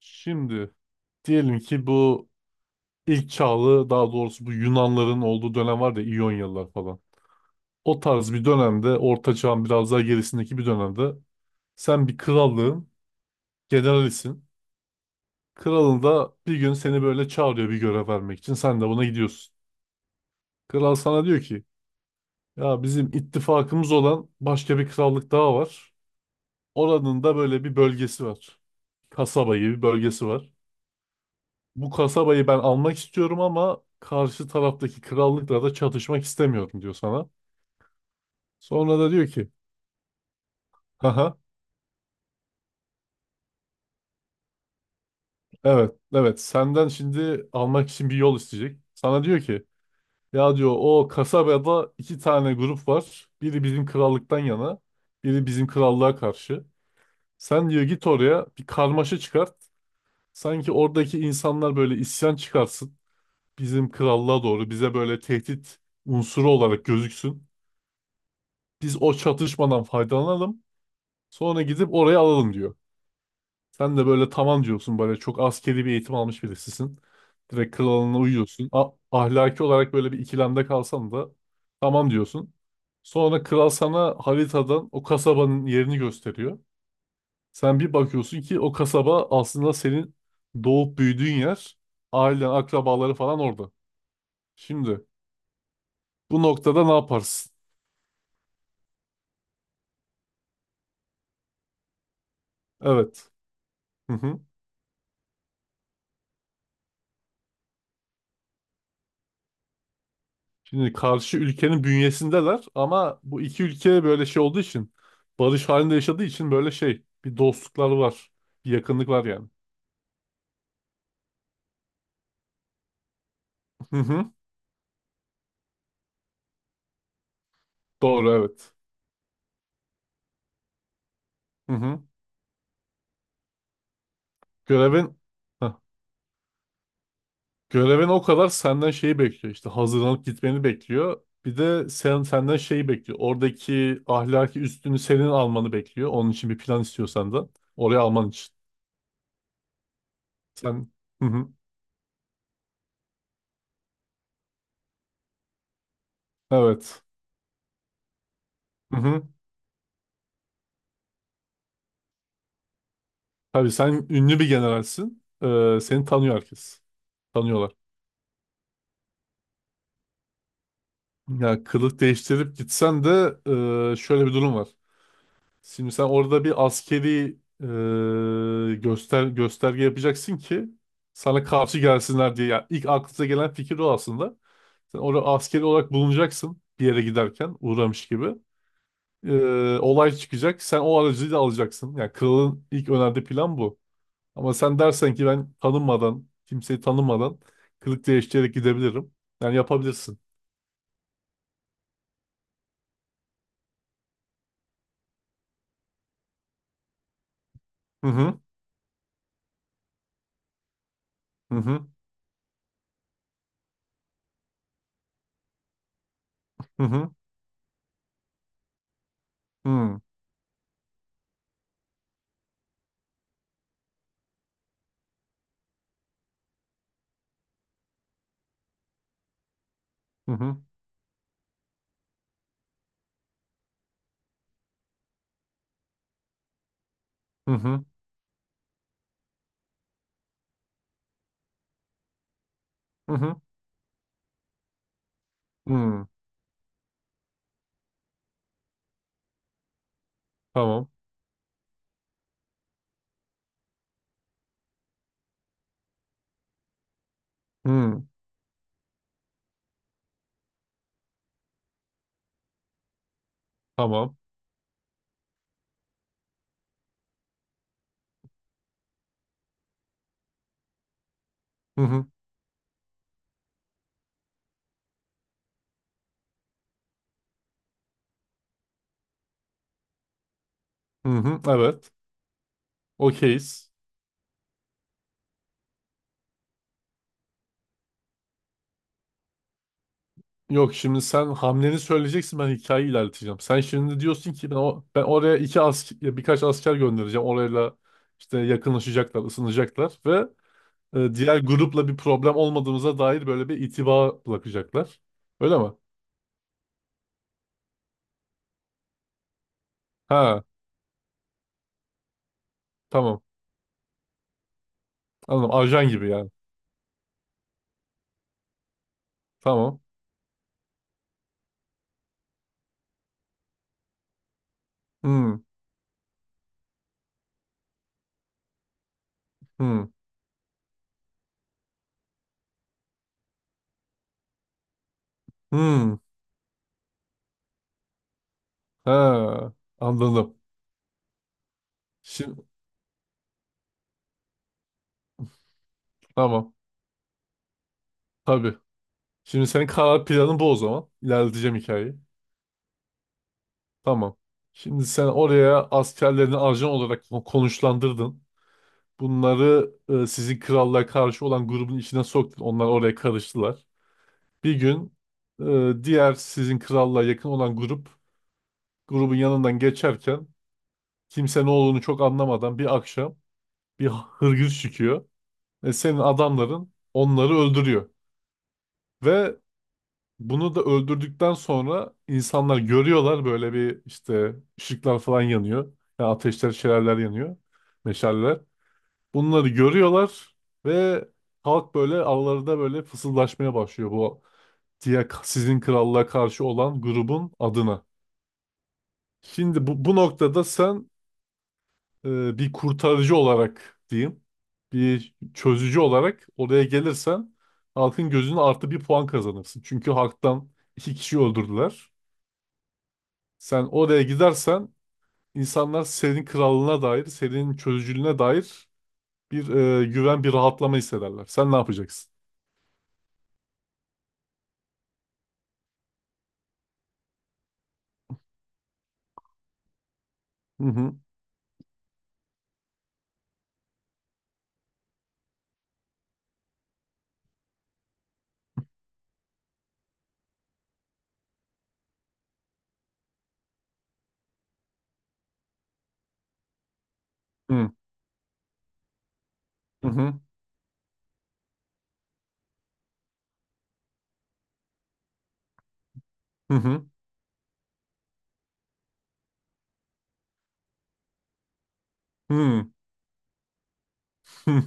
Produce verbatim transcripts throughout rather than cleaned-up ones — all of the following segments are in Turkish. Şimdi diyelim ki bu ilk çağlı daha doğrusu bu Yunanların olduğu dönem var ya İyonyalılar falan. O tarz bir dönemde Orta Çağ'ın biraz daha gerisindeki bir dönemde sen bir krallığın generalisin. Kralın da bir gün seni böyle çağırıyor bir görev vermek için. Sen de buna gidiyorsun. Kral sana diyor ki ya bizim ittifakımız olan başka bir krallık daha var. Oranın da böyle bir bölgesi var. Kasaba gibi bir bölgesi var. Bu kasabayı ben almak istiyorum ama karşı taraftaki krallıkla da çatışmak istemiyorum diyor sana. Sonra da diyor ki, haha evet evet senden şimdi almak için bir yol isteyecek. Sana diyor ki ya diyor o kasabada iki tane grup var. Biri bizim krallıktan yana, biri bizim krallığa karşı. Sen diyor git oraya bir karmaşa çıkart. Sanki oradaki insanlar böyle isyan çıkarsın. Bizim krallığa doğru bize böyle tehdit unsuru olarak gözüksün. Biz o çatışmadan faydalanalım. Sonra gidip oraya alalım diyor. Sen de böyle tamam diyorsun böyle çok askeri bir eğitim almış birisisin. Direkt kralına uyuyorsun. A- ahlaki olarak böyle bir ikilemde kalsan da tamam diyorsun. Sonra kral sana haritadan o kasabanın yerini gösteriyor. Sen bir bakıyorsun ki o kasaba aslında senin doğup büyüdüğün yer. Ailen, akrabaları falan orada. Şimdi bu noktada ne yaparsın? Evet. Hı hı. Şimdi karşı ülkenin bünyesindeler ama bu iki ülke böyle şey olduğu için barış halinde yaşadığı için böyle şey bir dostlukları var. Bir yakınlık var yani. Hı hı. Doğru evet. Hı hı. Görevin Heh. Görevin o kadar senden şeyi bekliyor işte hazırlanıp gitmeni bekliyor. Bir de sen senden şeyi bekliyor. Oradaki ahlaki üstünü senin almanı bekliyor. Onun için bir plan istiyor senden. Oraya alman için. Sen hı hı. Evet. Hı hı. Tabii sen ünlü bir generalsin. Ee, seni tanıyor herkes. Tanıyorlar. Ya kılık değiştirip gitsen de e, şöyle bir durum var. Şimdi sen orada bir askeri e, göster gösterge yapacaksın ki sana karşı gelsinler diye. Yani ilk aklınıza gelen fikir o aslında. Sen orada askeri olarak bulunacaksın bir yere giderken uğramış gibi. E, olay çıkacak. Sen o aracıyla alacaksın. Yani kralın ilk önerdiği plan bu. Ama sen dersen ki ben tanınmadan, kimseyi tanımadan kılık değiştirerek gidebilirim. Yani yapabilirsin. Hı hı. Hı hı. Hı hı. Hmm. Hı hı. Hı hı. Hı hı. Hmm. Tamam. Hmm. Tamam. Hı hı. Hı hı. Evet. Okeyiz. Yok şimdi sen hamleni söyleyeceksin ben hikayeyi ilerleteceğim. Sen şimdi diyorsun ki ben, o, ben oraya iki asker, birkaç asker göndereceğim. Orayla işte yakınlaşacaklar, ısınacaklar ve e, diğer grupla bir problem olmadığımıza dair böyle bir itiba bırakacaklar. Öyle mi? Ha, tamam. Anladım. Ajan gibi yani. Tamam. Hmm. Hmm. Hmm. Ha, anladım. Şimdi Tamam. Tabii. Şimdi senin karar planın bu o zaman. İlerleteceğim hikayeyi. Tamam. Şimdi sen oraya askerlerini ajan olarak ko- konuşlandırdın. Bunları e, sizin krallığa karşı olan grubun içine soktun. Onlar oraya karıştılar. Bir gün e, diğer sizin krallığa yakın olan grup grubun yanından geçerken kimse ne olduğunu çok anlamadan bir akşam bir hırgür çıkıyor ve senin adamların onları öldürüyor. Ve bunu da öldürdükten sonra insanlar görüyorlar böyle bir işte ışıklar falan yanıyor. Yani ateşler, şelaleler yanıyor. Meşaleler. Bunları görüyorlar ve halk böyle aralarında böyle fısıldaşmaya başlıyor bu diye sizin krallığa karşı olan grubun adına. Şimdi bu, bu noktada sen e, bir kurtarıcı olarak diyeyim, bir çözücü olarak oraya gelirsen halkın gözüne artı bir puan kazanırsın. Çünkü halktan iki kişi öldürdüler. Sen oraya gidersen insanlar senin krallığına dair, senin çözücülüğüne dair bir e, güven, bir rahatlama hissederler. Sen ne yapacaksın? Hı hı. Hı hı. Hı hı. Hı, hı.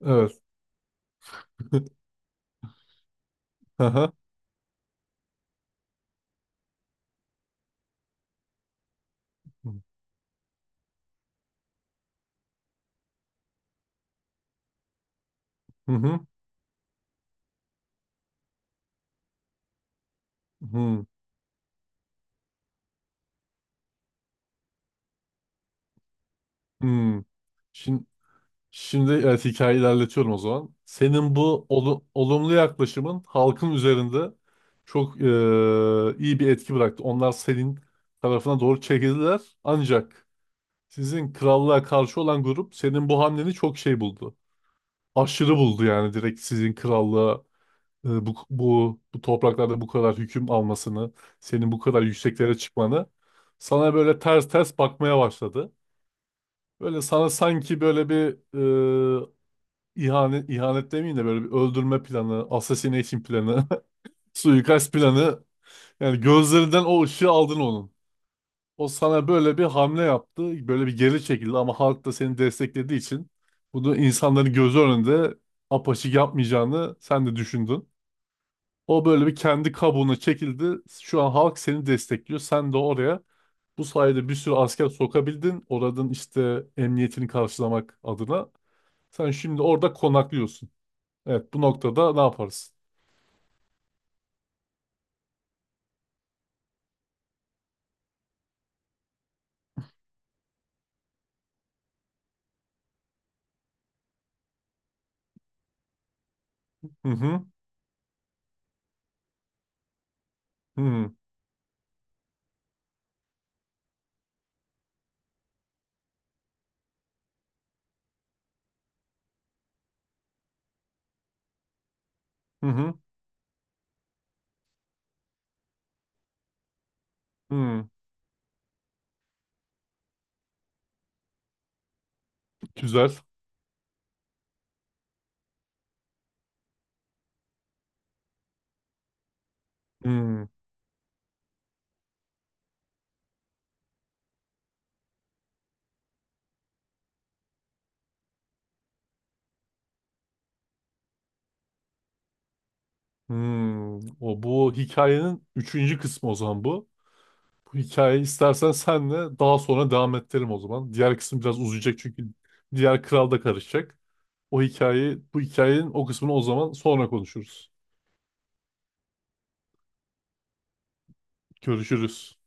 Evet. Hı hı. Hı hı. Hı hı. Şimdi, şimdi evet hikayeyi ilerletiyorum o zaman. Senin bu olu- olumlu yaklaşımın halkın üzerinde çok e, iyi bir etki bıraktı. Onlar senin tarafına doğru çekildiler. Ancak sizin krallığa karşı olan grup senin bu hamleni çok şey buldu. Aşırı buldu yani direkt sizin krallığa e, bu, bu, bu topraklarda bu kadar hüküm almasını, senin bu kadar yükseklere çıkmanı sana böyle ters ters bakmaya başladı. Böyle sana sanki böyle bir e, ihanet, ihanet demeyeyim de böyle bir öldürme planı, assassination planı, suikast planı yani gözlerinden o ışığı aldın onun. O sana böyle bir hamle yaptı. Böyle bir geri çekildi ama halk da seni desteklediği için bunu insanların gözü önünde apaçık yapmayacağını sen de düşündün. O böyle bir kendi kabuğuna çekildi. Şu an halk seni destekliyor. Sen de oraya bu sayede bir sürü asker sokabildin. Oradan işte emniyetini karşılamak adına. Sen şimdi orada konaklıyorsun. Evet bu noktada ne yaparız? Hı hı. Hı hı. Hı hı. Hı. Güzel. Hı. Hmm, o bu hikayenin üçüncü kısmı o zaman bu. Bu hikayeyi istersen senle daha sonra devam ettirelim o zaman. Diğer kısım biraz uzayacak çünkü diğer kral da karışacak. O hikayeyi, bu hikayenin o kısmını o zaman sonra konuşuruz. Görüşürüz.